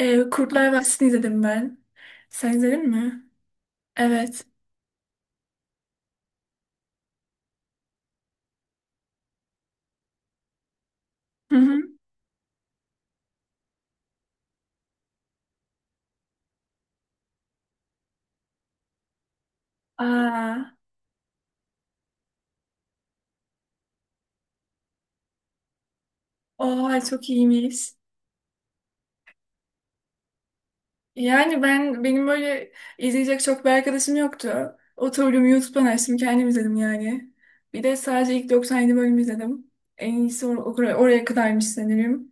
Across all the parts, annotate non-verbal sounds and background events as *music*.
Kurtlar Vadisi'ni izledim ben. Sen izledin mi? Evet. Hı hı. Aa, oha çok iyiymiş. Yani benim böyle izleyecek çok bir arkadaşım yoktu. Oturdum YouTube'dan açtım kendim izledim yani. Bir de sadece ilk 97 bölümü izledim. En iyisi oraya kadarmış sanırım.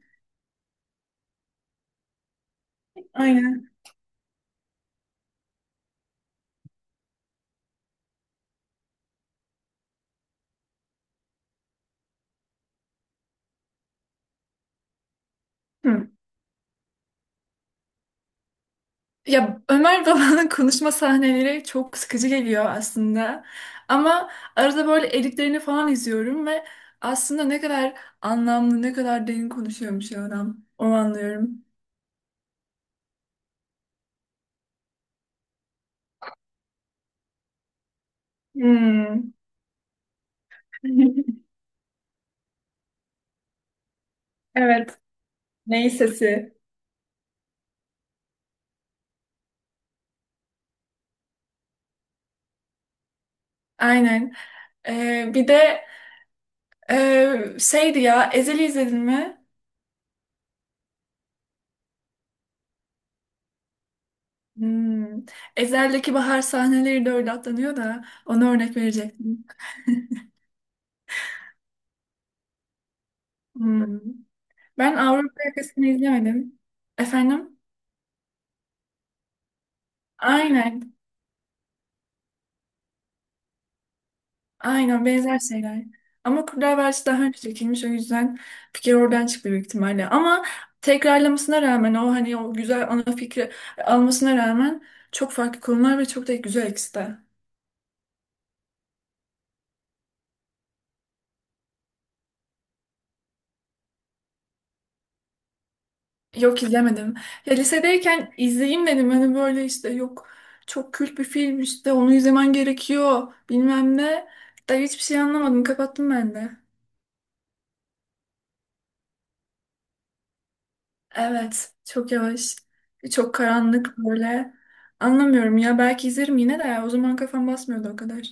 Aynen. Hı. Ya Ömer Baba'nın konuşma sahneleri çok sıkıcı geliyor aslında. Ama arada böyle editlerini falan izliyorum ve aslında ne kadar anlamlı, ne kadar derin konuşuyormuş ya adam. Onu anlıyorum. Hmm. *laughs* Evet. Ney sesi? Aynen. Bir de şeydi ya Ezel'i izledin mi? Hmm. Ezel'deki bahar sahneleri de öyle atlanıyor da ona örnek verecektim. Hmm. Ben Avrupa Yakası'nı izlemedim. Efendim? Aynen. Aynen benzer şeyler. Ama Kurtlar Vadisi daha önce çekilmiş o yüzden fikir oradan çıktı büyük ihtimalle. Ama tekrarlamasına rağmen o hani o güzel ana fikri almasına rağmen çok farklı konular ve çok da güzel ikisi de. Yok izlemedim. Ya lisedeyken izleyeyim dedim. Hani böyle işte yok çok kült bir film işte onu izlemen gerekiyor bilmem ne. Da hiçbir şey anlamadım. Kapattım ben de. Evet, çok yavaş, çok karanlık böyle. Anlamıyorum ya. Belki izlerim yine de. O zaman kafam basmıyordu o kadar.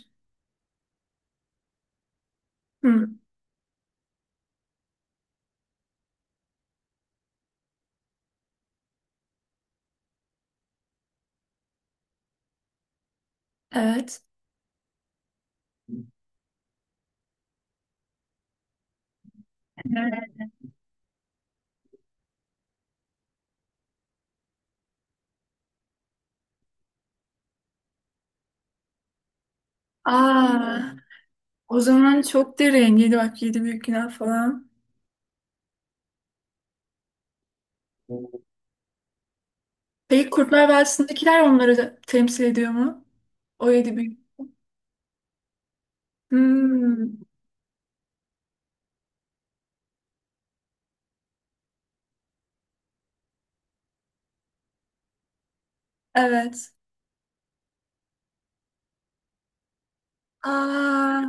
Hı, evet. Aa, o zaman çok derin. Yedi bak yedi büyük günah falan. Peki Kurtlar Vadisi'ndekiler onları da temsil ediyor mu? O yedi büyük. Hmm, evet. Aa,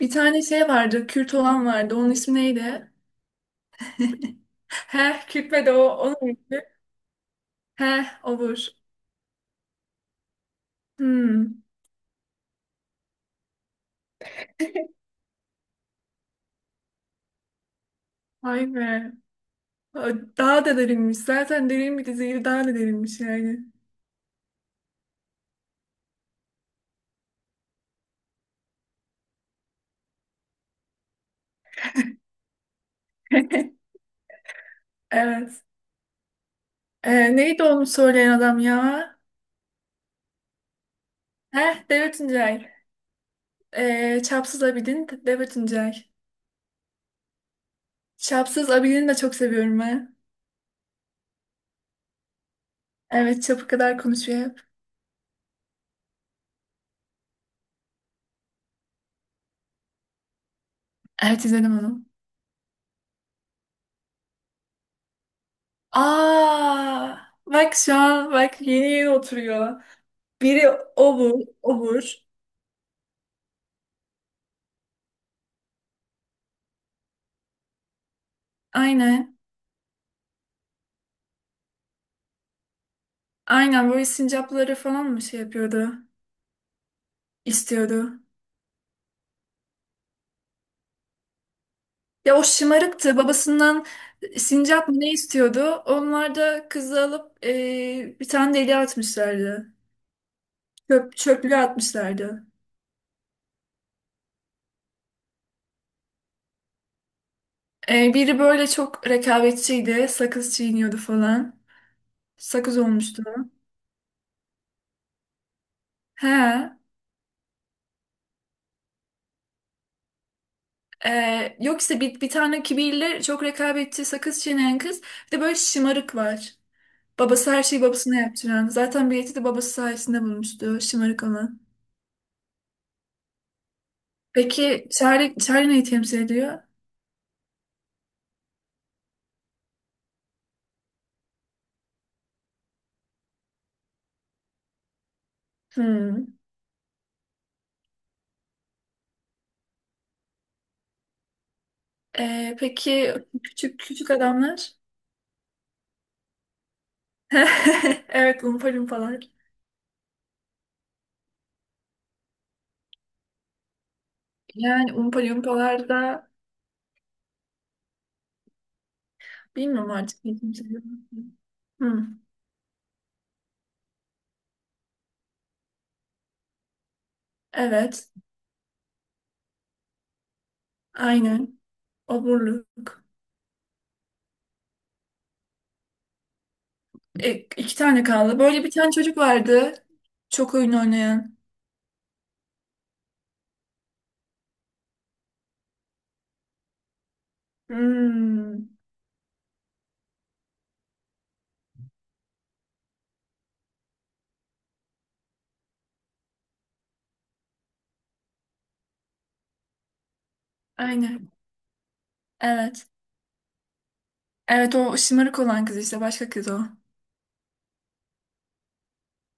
bir tane şey vardı. Kürt olan vardı. Onun ismi neydi? *laughs* Heh, Kürt ve de o. Onun ismi. Heh, olur. Hmm, vay be. Daha da derinmiş. Zaten derin bir diziyi daha da derinmiş yani. *laughs* Evet. Neydi onu söyleyen adam ya? Heh, Devlet Tuncay. Çapsız Abidin, Devlet Tuncay. Çapsız Abidin'i de çok seviyorum ben. Evet, çapı kadar konuşuyor hep. Evet, izledim onu. Aa, bak şu an, bak yeni yeni oturuyor. Biri obur, obur. Aynen. Aynen böyle sincapları falan mı şey yapıyordu? İstiyordu. Ya o şımarıktı. Babasından sincap mı ne istiyordu? Onlar da kızı alıp bir tane deliğe atmışlardı. Çöp, çöplüğe atmışlardı. E, biri böyle çok rekabetçiydi. Sakız çiğniyordu falan. Sakız olmuştu. He. E, yok işte bir tane kibirli çok rekabetçi sakız çiğneyen kız. Bir de böyle şımarık var. Babası her şeyi babasına yaptıran. Zaten bileti de babası sayesinde bulmuştu. Şımarık olan. Peki Charlie, Charlie neyi temsil ediyor? Hmm. Peki küçük küçük adamlar? *laughs* Evet, Umpa Lumpalar. Yani Umpa Lumpalar da bilmiyorum artık ne kimse diyor. Hmm, evet, aynen. Oburluk. E, iki tane kaldı. Böyle bir tane çocuk vardı. Çok oyun oynayan. Hmm, aynen. Evet. Evet o şımarık olan kız işte başka kız o.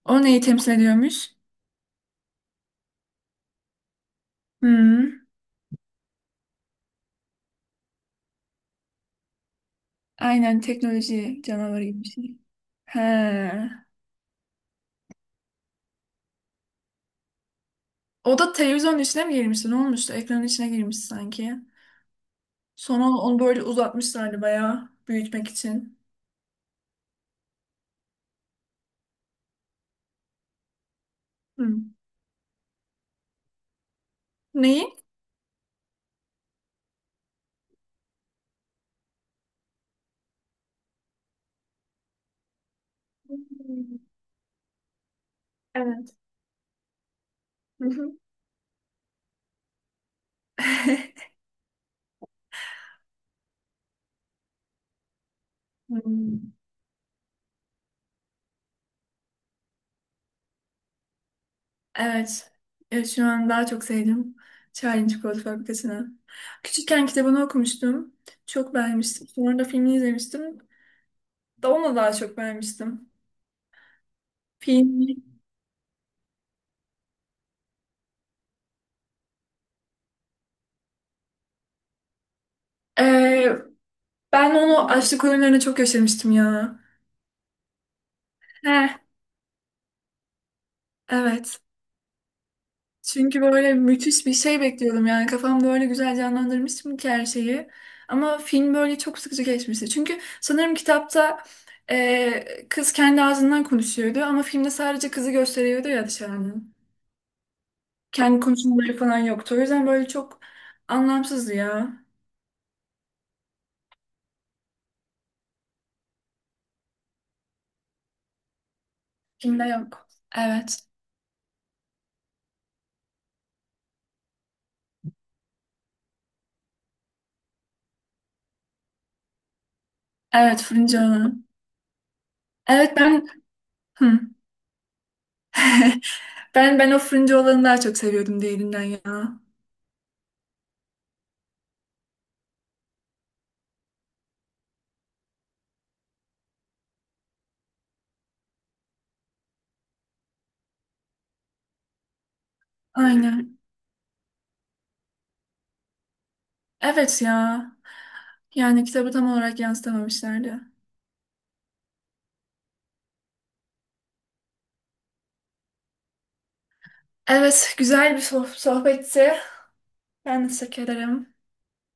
O neyi temsil ediyormuş? Hmm, aynen teknoloji canavarı gibi bir şey. He. O da televizyonun içine mi girmişti? Ne olmuştu? Ekranın içine girmiş sanki. Sonra onu böyle uzatmışlardı bayağı büyütmek için. Hı. Neyi? *laughs* Hmm, evet. Hı hı. *laughs* Hmm. Evet. Evet, şu an daha çok sevdim. Charlie Çikolata Fabrikası'nı. Küçükken kitabını okumuştum. Çok beğenmiştim. Sonra da filmini izlemiştim. Da onu daha çok beğenmiştim. Filmi. Ee, Ben onu açlık oyunlarına çok yaşamıştım ya. Heh, evet. Çünkü böyle müthiş bir şey bekliyordum yani kafamda öyle güzel canlandırmıştım ki her şeyi. Ama film böyle çok sıkıcı geçmişti. Çünkü sanırım kitapta kız kendi ağzından konuşuyordu ama filmde sadece kızı gösteriyordu ya dışarıdan. Kendi konuşmaları falan yoktu. O yüzden böyle çok anlamsızdı ya. Filmde yok. Evet. Evet fırıncı olan. Evet ben Hı. *laughs* Ben o fırıncı olanı daha çok seviyordum diğerinden ya. Aynen. Evet ya. Yani kitabı tam olarak yansıtamamışlardı. Evet, güzel bir sohbetti. Ben teşekkür ederim.